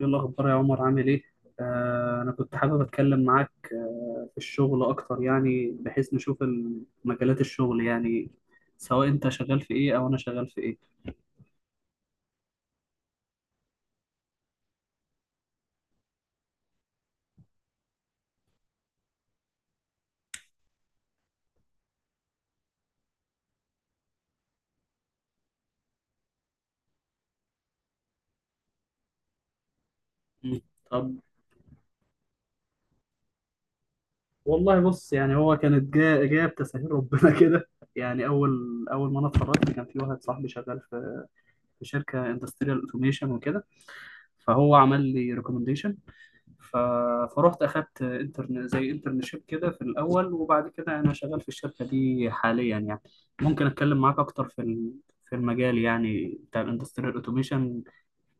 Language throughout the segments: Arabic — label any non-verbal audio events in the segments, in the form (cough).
ايه الاخبار يا عمر، عامل ايه؟ انا كنت حابب اتكلم معاك في الشغل اكتر، يعني بحيث نشوف مجالات الشغل، يعني سواء انت شغال في ايه او انا شغال في ايه. مم. طب، والله بص، يعني هو كانت جايه جايه بتسهيل ربنا (laughs) كده. يعني اول اول ما انا اتخرجت، كان في واحد صاحبي شغال في شركه اندستريال اوتوميشن وكده، فهو عمل لي ريكومنديشن. ف... فروحت اخدت انترن، زي انترنشيب كده، في الاول، وبعد كده انا شغال في الشركه دي حاليا يعني. ممكن اتكلم معاك اكتر في المجال يعني بتاع الاندستريال اوتوميشن،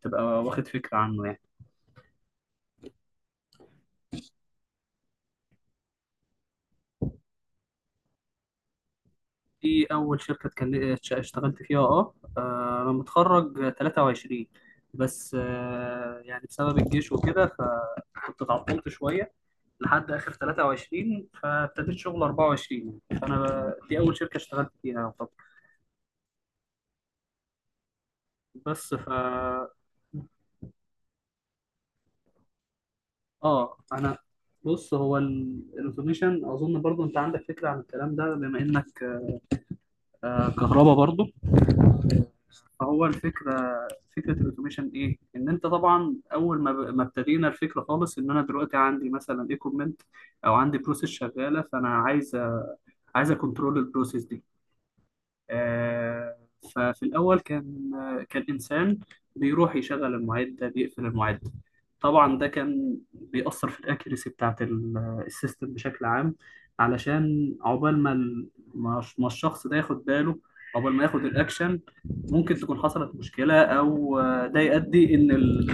تبقى واخد فكره عنه يعني. دي اول شركه اشتغلت فيها. انا متخرج 23، بس يعني بسبب الجيش وكده، فكنت اتعطلت شويه لحد اخر 23، فابتديت شغل 24، فانا دي اول شركه اشتغلت فيها. طب، بس ف اه انا بص، هو الاوتوميشن اظن برضو انت عندك فكره عن الكلام ده، بما انك كهربا برضو. فهو الفكره، فكره الاوتوميشن ايه؟ ان انت طبعا اول ما ابتدينا الفكره خالص، ان انا دلوقتي عندي مثلا ايكوبمنت، او عندي بروسيس شغاله، فانا عايز، عايز اكونترول البروسيس دي. آه، ففي الأول كان إنسان بيروح يشغل المعدة، بيقفل المعدة. طبعا ده كان بيأثر في الأكيرسي بتاعة السيستم بشكل عام، علشان عقبال ما الشخص ده ياخد باله، عقبال ما ياخد الأكشن، ممكن تكون حصلت مشكلة، أو ده يؤدي إن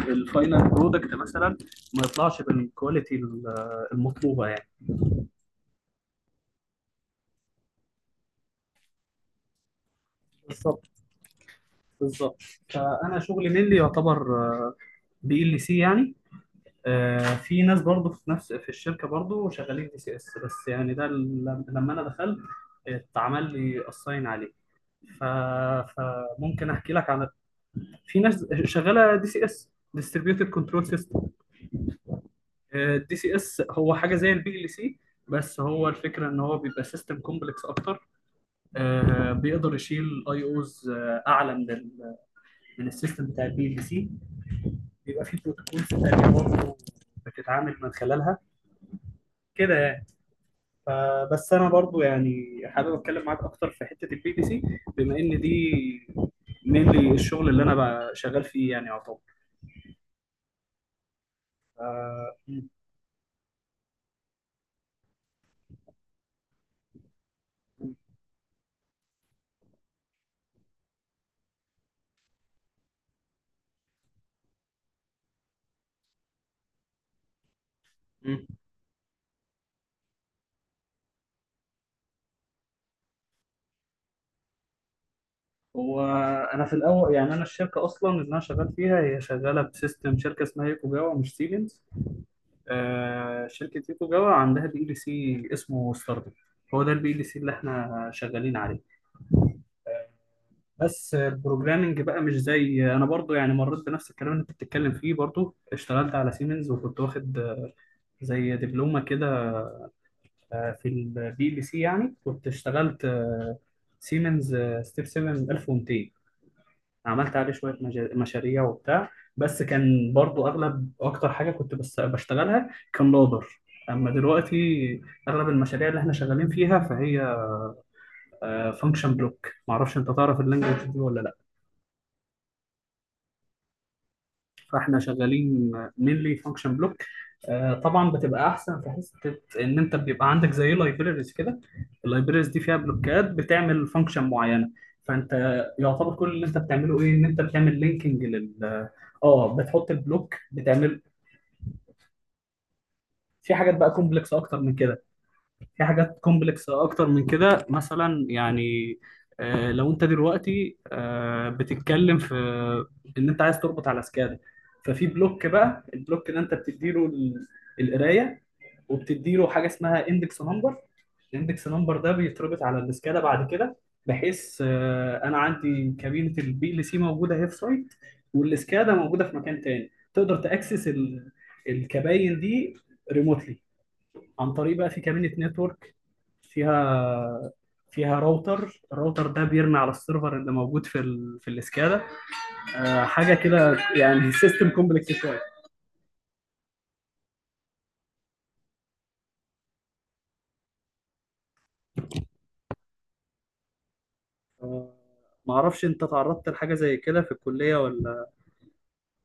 الفاينل برودكت مثلا ما يطلعش بالكواليتي المطلوبة يعني. بالظبط، بالظبط. فأنا شغلي مين اللي يعتبر بي ال سي يعني. في ناس برضو في الشركه برضو شغالين دي سي اس، بس يعني ده لما انا دخلت اتعمل لي اساين عليه. ف... فممكن احكي لك عن، في ناس شغاله دي سي اس، ديستريبيوتد كنترول سيستم. الدي سي اس هو حاجه زي البي ال سي، بس هو الفكره ان هو بيبقى سيستم كومبلكس اكتر. بيقدر يشيل اي اوز اعلى من السيستم بتاع البي ال سي. بيبقى فيه بروتوكولز تانيه برضه بتتعامل من خلالها، كده يعني. فبس انا برضو يعني حابب اتكلم معاك اكتر في حته البي تي سي، بما ان دي mainly الشغل اللي انا بقى شغال فيه يعني يعتبر. آه، م- م- م. هو انا في الاول، يعني انا الشركه اصلا اللي انا شغال فيها، هي شغاله بسيستم شركه اسمها يوكو جاوا، مش سيمنز. شركه يوكو جاوا عندها بي ال سي اسمه ستاردم، هو ده البي ال سي اللي احنا شغالين عليه. بس البروجرامنج بقى مش زي، انا برضو يعني مريت بنفس الكلام اللي انت بتتكلم فيه، برضو اشتغلت على سيمنز وكنت واخد زي دبلومه كده، في البي ال سي، يعني كنت اشتغلت سيمنز، ستيب 7 1200، عملت عليه شويه مشاريع وبتاع. بس كان برضو اغلب اكتر حاجه كنت بس بشتغلها كان لودر. اما دلوقتي اغلب المشاريع اللي احنا شغالين فيها، فهي فانكشن بلوك. معرفش انت تعرف اللانجوج دي ولا لا؟ فاحنا شغالين mainly function block. طبعا بتبقى احسن في حته ان انت بيبقى عندك زي لايبريز كده، اللايبريز دي فيها بلوكات بتعمل فانكشن معينه، فانت يعتبر كل اللي انت بتعمله ايه، ان انت بتعمل لينكينج لل، اه بتحط البلوك بتعمل. في حاجات بقى كومبلكس اكتر من كده. في حاجات كومبلكس اكتر من كده مثلا يعني، لو انت دلوقتي بتتكلم في ان انت عايز تربط على سكادا، ففي بلوك، بقى البلوك ده انت بتديله القرايه، وبتديله حاجه اسمها اندكس نمبر. الاندكس نمبر ده بيتربط على السكادا بعد كده، بحيث انا عندي كابينه البي ال سي موجوده هي في سايت، والسكادا موجوده في مكان تاني، تقدر تاكسس الكباين دي ريموتلي، عن طريق بقى في كمينة نتورك، فيها فيها راوتر، الراوتر ده بيرمي على السيرفر اللي موجود في الاسكادا. حاجه كده يعني (laughs) سيستم كومبلكس شويه. آه ما اعرفش انت تعرضت لحاجه زي كده في الكليه ولا؟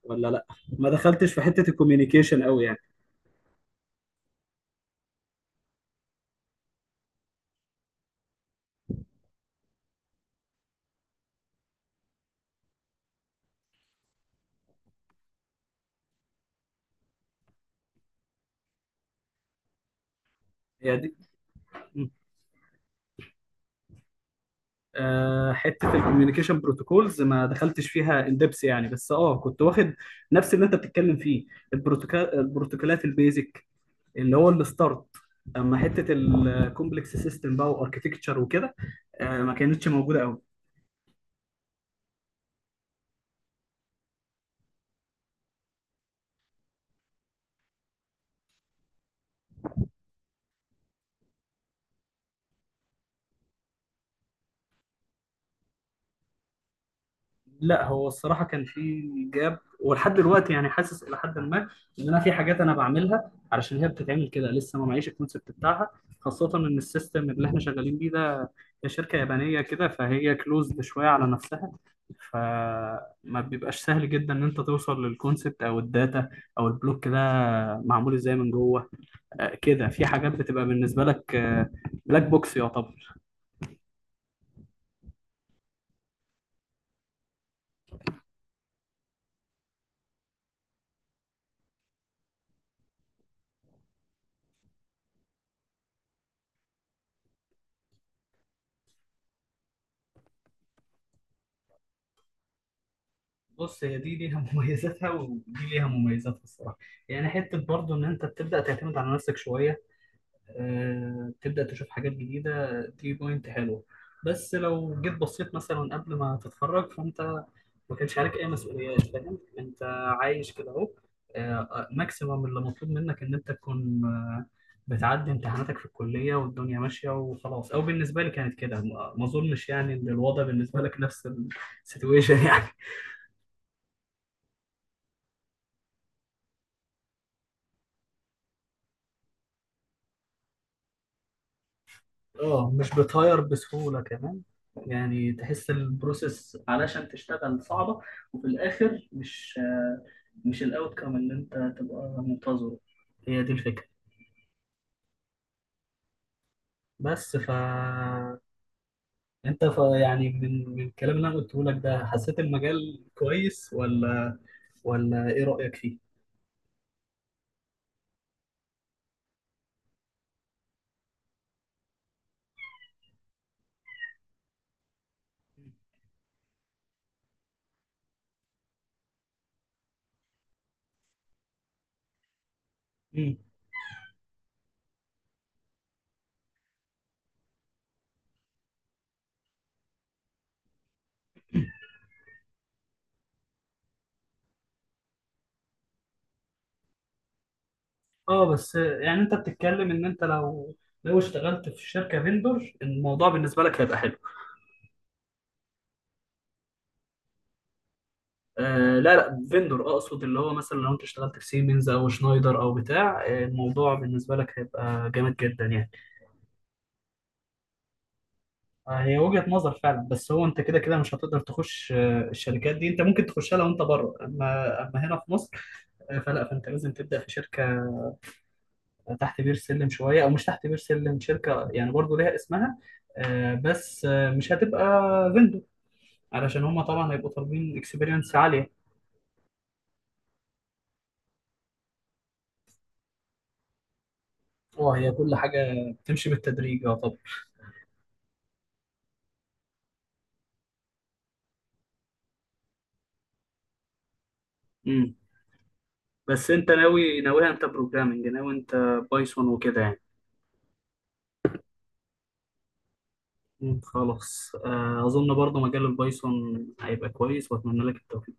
ولا لا، ما دخلتش في حته الكوميونيكيشن قوي يعني. هي دي حته الكوميونيكيشن بروتوكولز ما دخلتش فيها اندبس يعني، بس كنت واخد نفس اللي انت بتتكلم فيه، البروتوكولات البيزك، اللي هو الستارت. اما حته الكومبلكس سيستم بقى، واركتكتشر وكده، ما كانتش موجوده قوي. لا، هو الصراحه كان في جاب، ولحد دلوقتي يعني حاسس الى حد ما ان انا في حاجات انا بعملها علشان هي بتتعمل كده، لسه ما معيش الكونسبت بتاعها. خاصه ان السيستم اللي احنا شغالين بيه ده، هي شركه يابانيه كده، فهي كلوزد شويه على نفسها، فما بيبقاش سهل جدا ان انت توصل للكونسبت، او الداتا، او البلوك ده معمول ازاي من جوه. كده في حاجات بتبقى بالنسبه لك بلاك بوكس يعتبر. بص، هي دي ليها (laughs) مميزاتها، ودي ليها مميزاتها الصراحه. يعني حته برضو ان انت بتبدا تعتمد على نفسك شويه، أه تبدا تشوف حاجات جديده، دي بوينت حلوه. بس لو جيت بصيت مثلا قبل ما تتخرج، فانت ما كانش عليك اي مسؤوليات، فاهم انت عايش كده اهو. ماكسيمم اللي مطلوب منك ان انت تكون بتعدي امتحاناتك في الكليه والدنيا ماشيه وخلاص، او بالنسبه لي كانت كده. ما اظنش يعني ان الوضع بالنسبه لك نفس السيتويشن (laughs) يعني. اه، مش بتهاير بسهولة كمان، يعني تحس البروسيس علشان تشتغل صعبة. وفي الآخر مش، مش الأوتكم اللي أنت تبقى منتظره، هي دي الفكرة. بس ف أنت يعني من الكلام اللي أنا قلته لك ده، حسيت المجال كويس، ولا ولا إيه رأيك فيه؟ مم. اه بس يعني أنت بتتكلم إن أنت لو اشتغلت في شركة فيندور، الموضوع بالنسبة لك هيبقى حلو. آه لا لا، فيندور، اقصد اللي هو مثلا لو انت اشتغلت في سيمنز او شنايدر او بتاع، الموضوع بالنسبه لك هيبقى جامد جدا يعني. آه، هي وجهه نظر فعلا، بس هو انت كده كده مش هتقدر تخش الشركات دي. انت ممكن تخشها لو انت بره، اما هنا في مصر، فلا فانت لازم تبدا في شركه تحت بير سلم شويه، او مش تحت بير سلم، شركه يعني برضو ليها اسمها. بس مش هتبقى فيندور، علشان هما طبعا هيبقوا طالبين اكسبيرينس عاليه. اه، هي كل حاجه بتمشي بالتدريج يعتبر. بس انت ناوي، ناويها انت بروجرامنج، ناوي انت بايثون وكده يعني؟ مم، خلاص، اظن برضو مجال البايثون هيبقى كويس، واتمنى لك التوفيق.